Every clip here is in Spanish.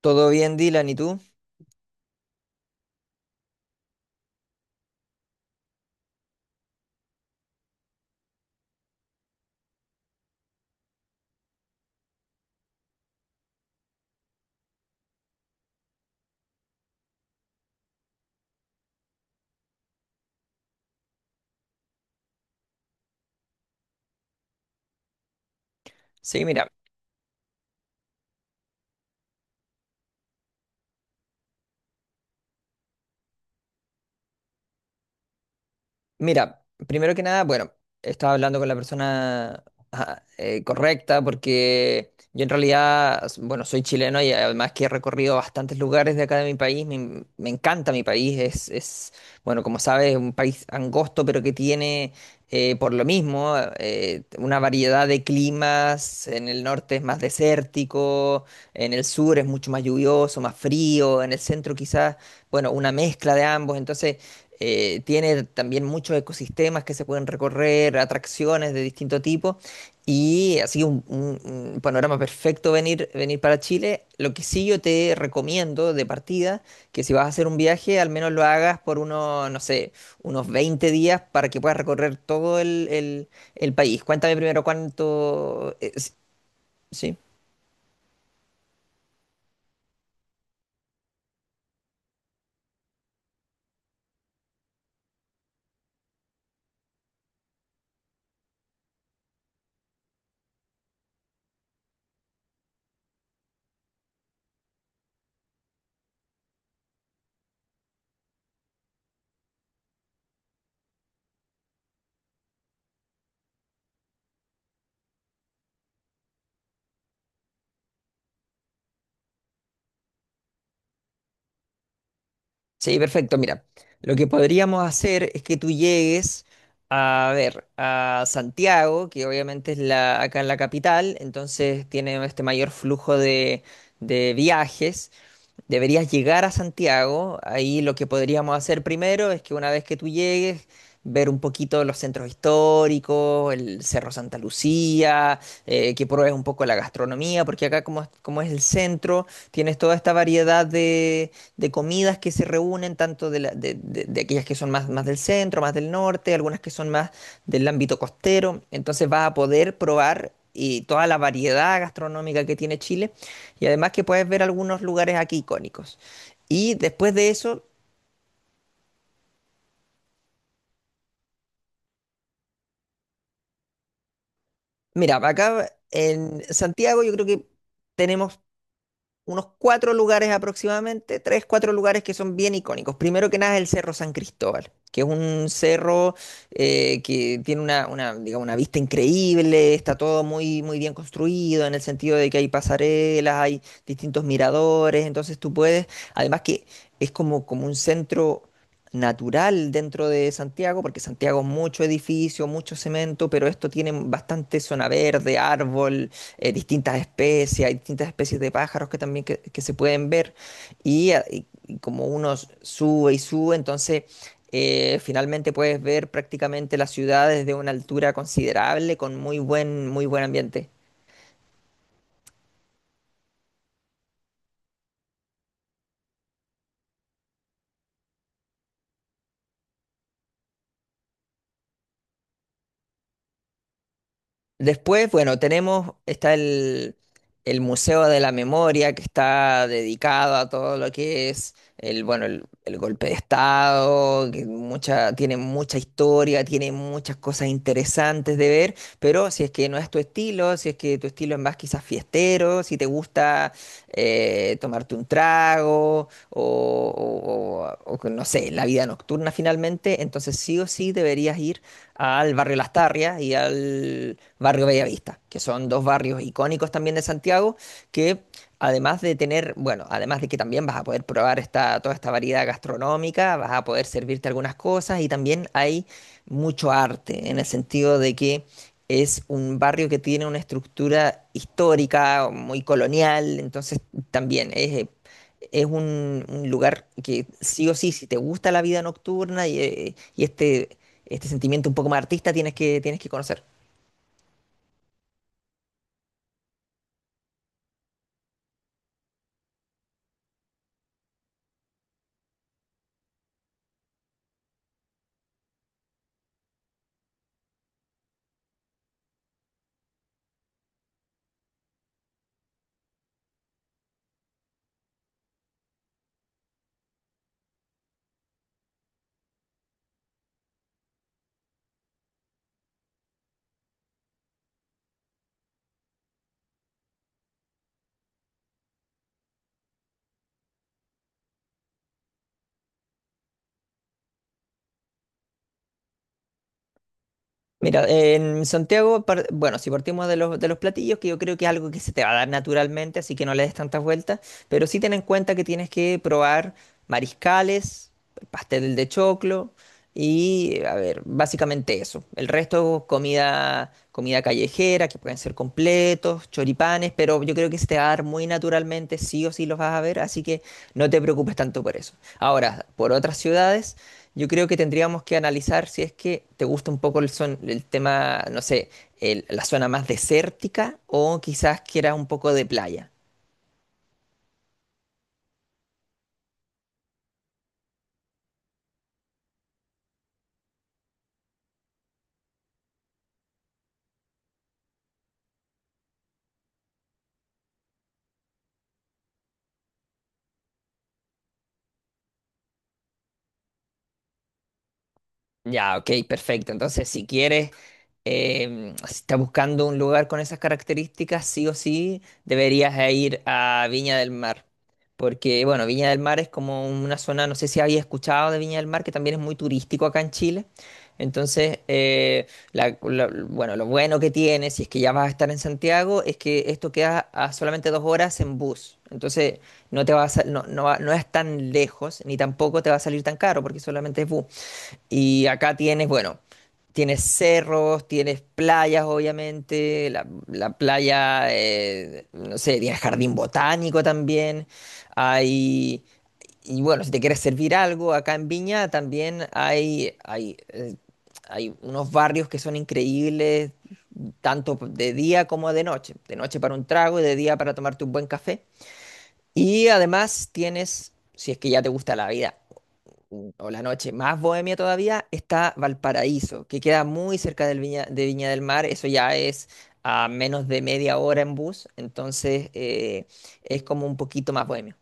¿Todo bien, Dylan? ¿Y tú? Sí, Mira, primero que nada, bueno, estaba hablando con la persona, ajá, correcta, porque yo en realidad, bueno, soy chileno y además que he recorrido bastantes lugares de acá de mi país, me encanta mi país, es, bueno, como sabes, un país angosto pero que tiene por lo mismo una variedad de climas. En el norte es más desértico, en el sur es mucho más lluvioso, más frío, en el centro quizás, bueno, una mezcla de ambos. Entonces tiene también muchos ecosistemas que se pueden recorrer, atracciones de distinto tipo, y así un panorama perfecto venir para Chile. Lo que sí yo te recomiendo de partida, que si vas a hacer un viaje, al menos lo hagas por unos, no sé, unos 20 días, para que puedas recorrer todo el país. Cuéntame primero cuánto ¿sí? Sí, perfecto. Mira, lo que podríamos hacer es que tú llegues a ver a Santiago, que obviamente es acá en la capital, entonces tiene este mayor flujo de viajes. Deberías llegar a Santiago. Ahí lo que podríamos hacer primero es que, una vez que tú llegues, ver un poquito los centros históricos, el Cerro Santa Lucía, que pruebes un poco la gastronomía, porque acá como, como es el centro, tienes toda esta variedad de comidas que se reúnen, tanto de, la- de aquellas que son más, más del centro, más del norte, algunas que son más del ámbito costero. Entonces vas a poder probar y toda la variedad gastronómica que tiene Chile, y además que puedes ver algunos lugares aquí icónicos. Y después de eso. Mira, acá en Santiago yo creo que tenemos unos cuatro lugares aproximadamente, tres, cuatro lugares que son bien icónicos. Primero que nada es el Cerro San Cristóbal, que es un cerro que tiene digamos, una vista increíble, está todo muy, muy bien construido, en el sentido de que hay pasarelas, hay distintos miradores. Entonces tú puedes, además que es como, como un centro natural dentro de Santiago, porque Santiago es mucho edificio, mucho cemento, pero esto tiene bastante zona verde, árbol, distintas especies, hay distintas especies de pájaros que también que se pueden ver, y, como uno sube y sube. Entonces finalmente puedes ver prácticamente la ciudad desde una altura considerable, con muy buen ambiente. Después, bueno, tenemos, está el Museo de la Memoria, que está dedicado a todo lo que es bueno, el golpe de Estado, que tiene mucha historia, tiene muchas cosas interesantes de ver. Pero si es que no es tu estilo, si es que tu estilo es más quizás fiestero, si te gusta tomarte un trago o que no sé, la vida nocturna finalmente, entonces sí o sí deberías ir al barrio Las Tarrias y al barrio Bellavista, que son dos barrios icónicos también de Santiago, que además de tener, bueno, además de que también vas a poder probar esta, toda esta variedad gastronómica, vas a poder servirte algunas cosas, y también hay mucho arte, en el sentido de que es un barrio que tiene una estructura histórica, muy colonial. Entonces también es es un lugar que sí o sí, si te gusta la vida nocturna y este sentimiento un poco más artista, tienes que conocer. Mira, en Santiago, bueno, si partimos de los platillos, que yo creo que es algo que se te va a dar naturalmente, así que no le des tantas vueltas, pero sí ten en cuenta que tienes que probar mariscales, pastel de choclo y, a ver, básicamente eso. El resto, comida, comida callejera, que pueden ser completos, choripanes, pero yo creo que se te va a dar muy naturalmente, sí o sí los vas a ver, así que no te preocupes tanto por eso. Ahora, por otras ciudades. Yo creo que tendríamos que analizar si es que te gusta un poco el tema, no sé, la zona más desértica, o quizás quieras un poco de playa. Ya, ok, perfecto. Entonces, si quieres, si estás buscando un lugar con esas características, sí o sí deberías ir a Viña del Mar, porque, bueno, Viña del Mar es como una zona, no sé si habías escuchado de Viña del Mar, que también es muy turístico acá en Chile. Entonces, bueno, lo bueno que tiene, si es que ya vas a estar en Santiago, es que esto queda a solamente 2 horas en bus. Entonces, no te va a, sa- no, no va- no es tan lejos, ni tampoco te va a salir tan caro, porque solamente es bus. Y acá tienes, bueno, tienes cerros, tienes playas, obviamente, la playa, no sé, tienes jardín botánico también, hay. Y bueno, si te quieres servir algo, acá en Viña también hay, hay unos barrios que son increíbles, tanto de día como de noche. De noche para un trago y de día para tomarte un buen café. Y además tienes, si es que ya te gusta la vida o la noche más bohemia todavía, está Valparaíso, que queda muy cerca del Viña, de Viña del Mar. Eso ya es a menos de media hora en bus. Entonces es como un poquito más bohemio.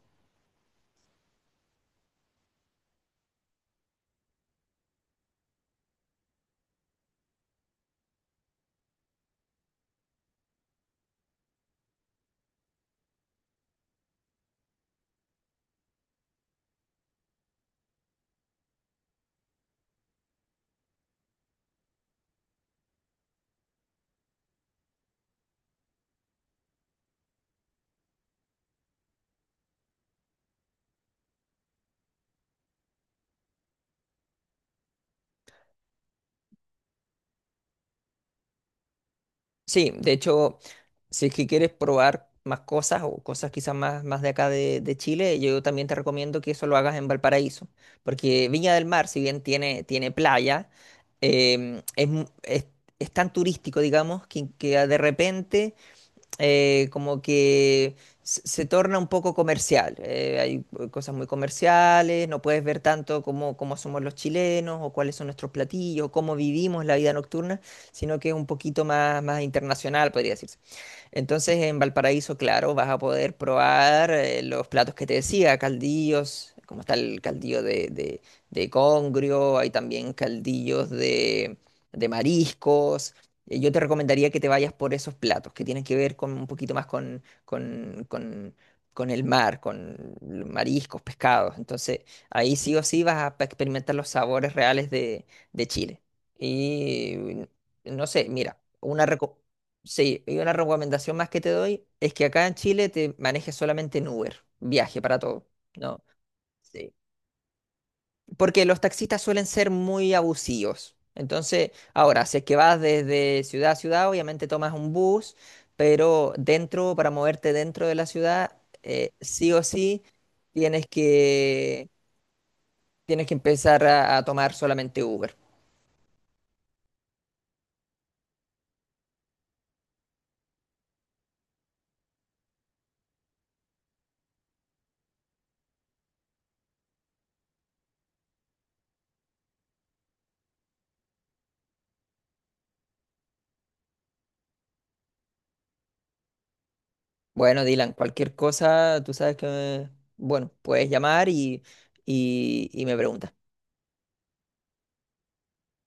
Sí, de hecho, si es que quieres probar más cosas, o cosas quizás más, más de acá de Chile, yo también te recomiendo que eso lo hagas en Valparaíso, porque Viña del Mar, si bien tiene, playa, em, es, mu- es- es tan turístico, digamos, que de repente como que se torna un poco comercial. Hay cosas muy comerciales, no puedes ver tanto cómo, somos los chilenos, o cuáles son nuestros platillos, cómo vivimos la vida nocturna, sino que es un poquito más, más internacional, podría decirse. Entonces en Valparaíso, claro, vas a poder probar los platos que te decía, caldillos, como está el caldillo de congrio, hay también caldillos de mariscos. Yo te recomendaría que te vayas por esos platos que tienen que ver con un poquito más con el mar, con mariscos, pescados. Entonces ahí sí o sí vas a experimentar los sabores reales de Chile. Y no sé, mira, una recomendación. Sí, y una recomendación más que te doy es que acá en Chile te manejes solamente en Uber, viaje para todo, ¿no? Sí. Porque los taxistas suelen ser muy abusivos. Entonces, ahora, si es que vas desde ciudad a ciudad, obviamente tomas un bus, pero dentro, para moverte dentro de la ciudad, sí o sí, tienes que, tienes que empezar a tomar solamente Uber. Bueno, Dylan, cualquier cosa, tú sabes que, bueno, puedes llamar y me preguntas.